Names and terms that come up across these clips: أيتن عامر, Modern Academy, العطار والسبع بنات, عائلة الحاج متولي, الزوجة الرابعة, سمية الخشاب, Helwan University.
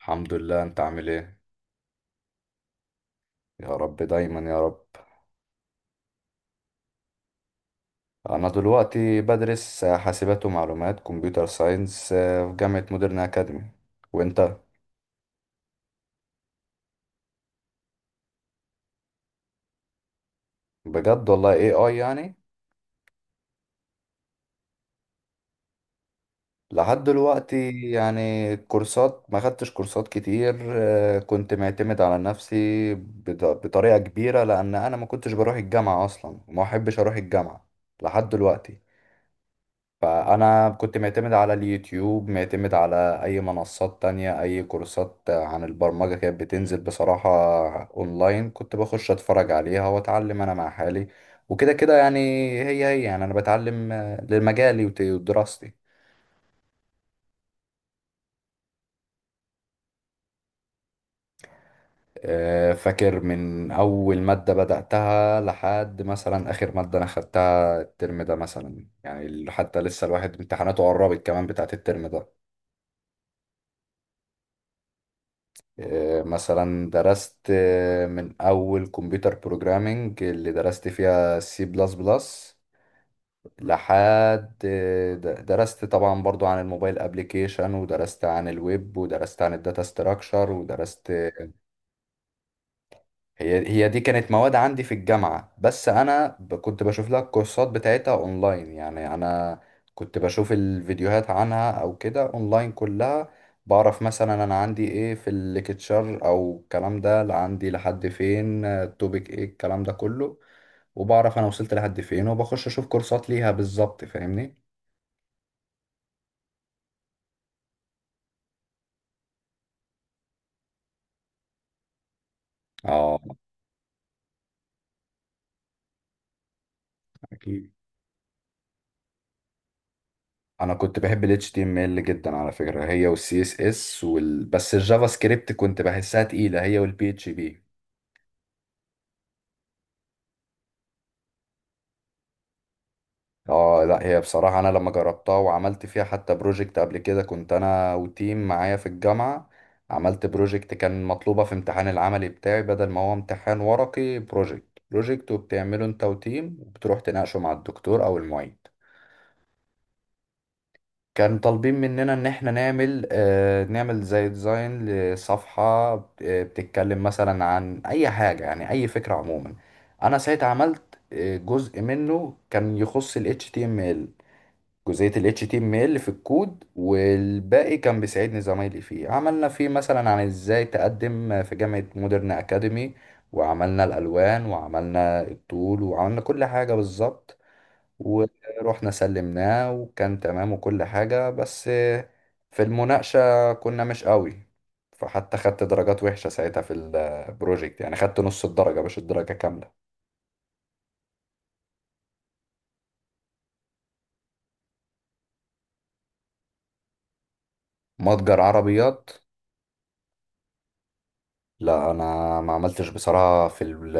الحمد لله، انت عامل ايه؟ يا رب دايما يا رب. انا دلوقتي بدرس حاسبات ومعلومات كمبيوتر ساينس، في جامعة مودرن اكاديمي. وانت؟ بجد والله، اي اي يعني. لحد دلوقتي يعني كورسات، ما خدتش كورسات كتير، كنت معتمد على نفسي بطريقة كبيرة، لان انا ما كنتش بروح الجامعة اصلا وما احبش اروح الجامعة لحد دلوقتي. فأنا كنت معتمد على اليوتيوب، معتمد على أي منصات تانية. أي كورسات عن البرمجة كانت بتنزل بصراحة أونلاين، كنت بخش أتفرج عليها وأتعلم أنا مع حالي، وكده كده يعني. هي يعني أنا بتعلم، لمجالي ودراستي. فاكر من أول مادة بدأتها لحد مثلا آخر مادة أنا خدتها الترم ده، مثلا يعني، حتى لسه الواحد امتحاناته قربت كمان بتاعت الترم ده. مثلا درست، من اول كمبيوتر بروجرامينج اللي درست فيها سي بلس بلس، لحد درست طبعا برضو عن الموبايل ابليكيشن، ودرست عن الويب، ودرست عن الداتا ستراكشر ودرست. هي دي كانت مواد عندي في الجامعة، بس أنا كنت بشوف لها الكورسات بتاعتها أونلاين. يعني أنا كنت بشوف الفيديوهات عنها أو كده أونلاين كلها. بعرف مثلا أنا عندي إيه في الليكتشر أو الكلام ده، لا عندي لحد فين، التوبيك إيه، الكلام ده كله. وبعرف أنا وصلت لحد فين وبخش أشوف كورسات ليها بالظبط. فاهمني؟ آه. أكيد. انا كنت بحب ال HTML جدا على فكرة، هي وال CSS وال... بس الجافا سكريبت كنت بحسها تقيلة، هي وال PHP. اه لا، هي بصراحة انا لما جربتها وعملت فيها حتى بروجكت قبل كده، كنت انا وتيم معايا في الجامعة. عملت بروجكت كان مطلوبة في امتحان العملي بتاعي، بدل ما هو امتحان ورقي، بروجكت. بروجكت وبتعمله انت وتيم وبتروح تناقشه مع الدكتور او المعيد. كان طالبين مننا ان احنا نعمل، آه، نعمل زي ديزاين لصفحة، بتتكلم مثلا عن اي حاجة، يعني اي فكرة عموما. انا ساعتها عملت، جزء منه كان يخص ال HTML. جزئية ال HTML في الكود، والباقي كان بيساعدني زمايلي فيه. عملنا فيه مثلا عن ازاي تقدم في جامعة مودرن أكاديمي، وعملنا الألوان، وعملنا الطول، وعملنا كل حاجة بالظبط. ورحنا سلمناه وكان تمام وكل حاجة، بس في المناقشة كنا مش قوي. فحتى خدت درجات وحشة ساعتها في البروجكت، يعني خدت نص الدرجة مش الدرجة كاملة. متجر عربيات. لا انا ما عملتش بصراحة في ال...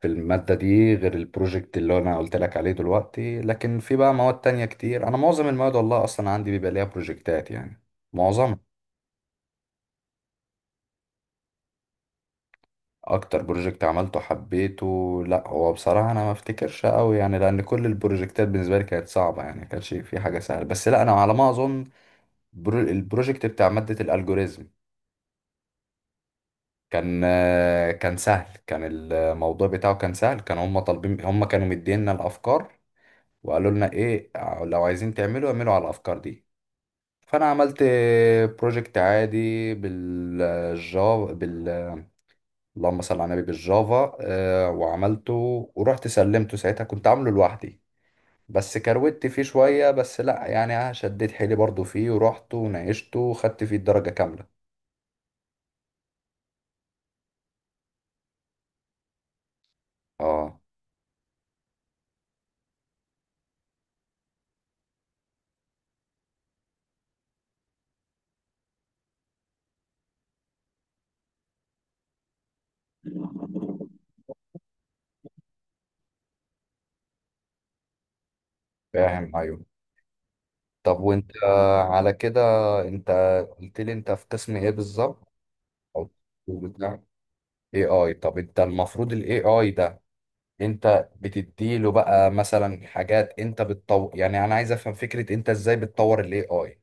في المادة دي غير البروجكت اللي أنا قلت لك عليه دلوقتي، لكن في بقى مواد تانية كتير. أنا معظم المواد والله أصلا عندي بيبقى ليها بروجكتات يعني، معظم. أكتر بروجكت عملته حبيته، لأ هو بصراحة أنا ما أفتكرش أوي يعني، لأن كل البروجكتات بالنسبة لي كانت صعبة، يعني ما كانش في حاجة سهلة. بس لأ أنا على ما أظن، البروجكت بتاع مادة الألجوريزم كان، كان سهل، كان الموضوع بتاعه كان سهل. كانوا هم طالبين، هم كانوا مدينا الأفكار، وقالوا لنا إيه، لو عايزين تعملوا اعملوا على الأفكار دي. فانا عملت بروجكت عادي بالجافا، بال... اللهم صل على النبي، بالجافا، وعملته ورحت سلمته. ساعتها كنت عامله لوحدي، بس كروت فيه شوية، بس لا يعني أنا شديت حيلي برضو فيه، ورحت وناقشته وخدت فيه الدرجة كاملة. اه. فاهم، ايوه. طب وانت، على كده، انت قلت لي انت في قسم ايه بالظبط؟ او بتاع اي اي. طب انت المفروض الاي اي ده، انت بتديله بقى مثلا حاجات انت بتطور. يعني انا عايز افهم فكرة انت ازاي بتطور الاي اي.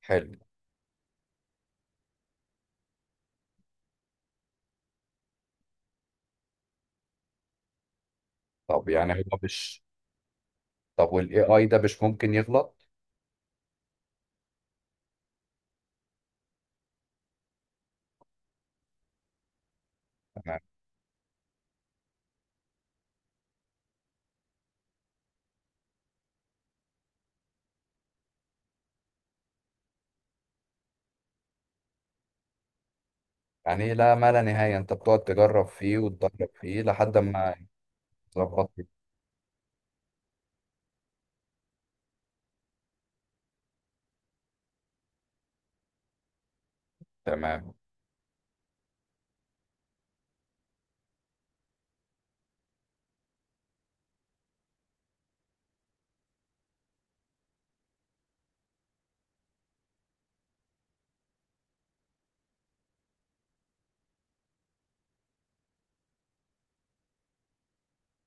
حلو. طب يعني هو مش... طب والاي اي ده مش ممكن يغلط؟ تمام. يعني لا ما لا نهاية، انت بتقعد تجرب فيه وتدرب فيه لحد ما تظبط فيه. تمام.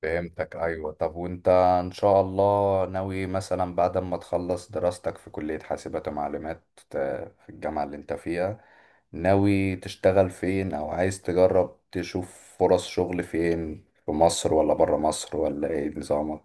فهمتك، ايوه. طب وانت ان شاء الله ناوي مثلا بعد ما تخلص دراستك في كلية حاسبات ومعلومات، في الجامعة اللي انت فيها، ناوي تشتغل فين، او عايز تجرب تشوف فرص شغل فين، في مصر ولا برا مصر، ولا ايه نظامك؟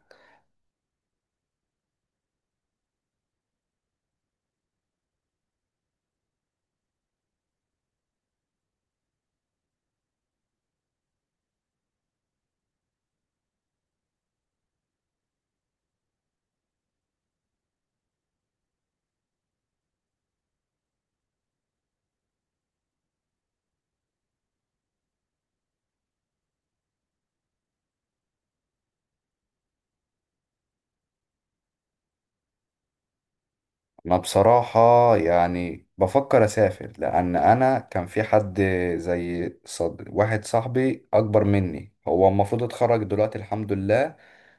انا بصراحة يعني بفكر اسافر، لان انا كان في حد زي واحد صاحبي اكبر مني، هو المفروض اتخرج دلوقتي الحمد لله،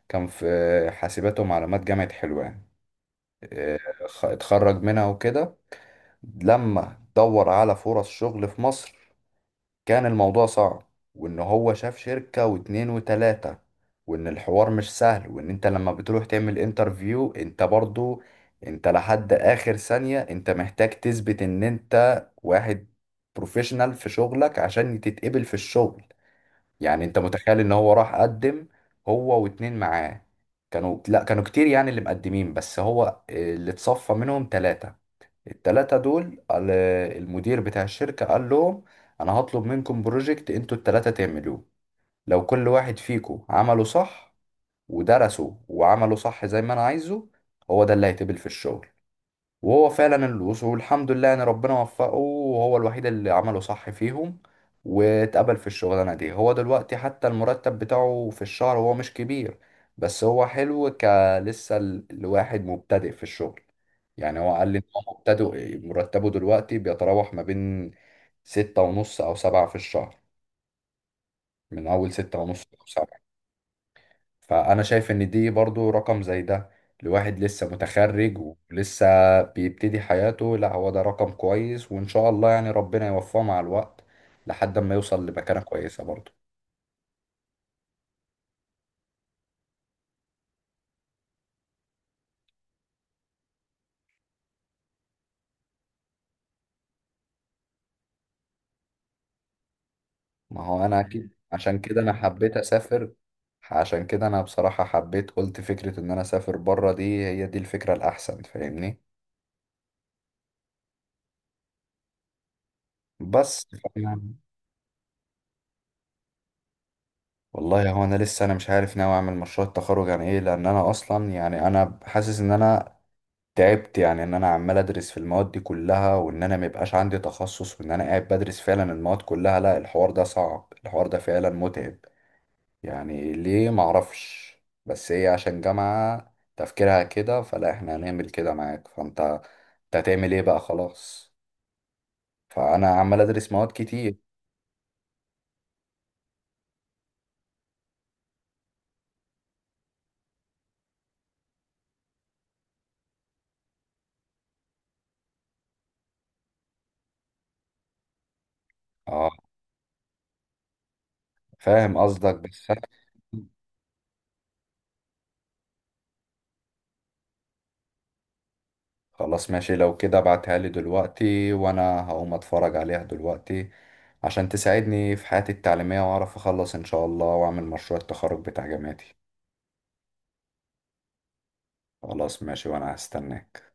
كان في حاسبات ومعلومات جامعة حلوان، آه، اتخرج منها وكده. لما دور على فرص شغل في مصر كان الموضوع صعب. وان هو شاف شركة واتنين وتلاتة، وان الحوار مش سهل، وان انت لما بتروح تعمل انترفيو انت برضو، انت لحد اخر ثانية انت محتاج تثبت ان انت واحد بروفيشنال في شغلك عشان تتقبل في الشغل. يعني انت متخيل ان هو راح قدم هو واتنين معاه، كانوا لا كانوا كتير يعني اللي مقدمين، بس هو اللي اتصفى منهم تلاتة. التلاتة دول المدير بتاع الشركة قال لهم أنا هطلب منكم بروجكت انتوا التلاتة تعملوه، لو كل واحد فيكم عمله صح ودرسه وعمله صح زي ما أنا عايزه، هو ده اللي هيتقبل في الشغل. وهو فعلا الوصول والحمد لله ان ربنا وفقه، وهو الوحيد اللي عمله صح فيهم، واتقبل في الشغلانه دي. هو دلوقتي حتى المرتب بتاعه في الشهر هو مش كبير، بس هو حلو، كلسه الواحد مبتدئ في الشغل. يعني هو قال لي ان هو مبتدئ مرتبه دلوقتي بيتراوح ما بين ستة ونص او سبعة في الشهر، من اول ستة ونص او سبعة. فأنا شايف إن دي برضو رقم زي ده لواحد لسه متخرج ولسه بيبتدي حياته، لا هو ده رقم كويس، وإن شاء الله يعني ربنا يوفقه مع الوقت لحد ما يوصل لمكانة كويسة برضو. ما هو أنا أكيد عشان كده أنا حبيت أسافر. عشان كده أنا بصراحة حبيت، قلت فكرة إن أنا أسافر بره دي هي دي الفكرة الأحسن، فاهمني. بس فأنا... والله هو أنا لسه أنا مش عارف ناوي أعمل مشروع التخرج عن إيه، لأن أنا أصلا يعني أنا حاسس إن أنا تعبت، يعني ان انا عمال ادرس في المواد دي كلها وان انا ميبقاش عندي تخصص، وان انا قاعد بدرس فعلا المواد كلها، لا الحوار ده صعب، الحوار ده فعلا متعب يعني. ليه؟ معرفش، بس هي عشان جامعة تفكيرها كده فلا احنا هنعمل كده معاك، فانت انت هتعمل ايه بقى؟ خلاص، فانا عمال ادرس مواد كتير. اه فاهم قصدك، بس خلاص ماشي لو كده ابعتها لي دلوقتي، وانا هقوم اتفرج عليها دلوقتي عشان تساعدني في حياتي التعليمية، واعرف اخلص ان شاء الله واعمل مشروع التخرج بتاع جامعتي. خلاص ماشي، وانا هستناك.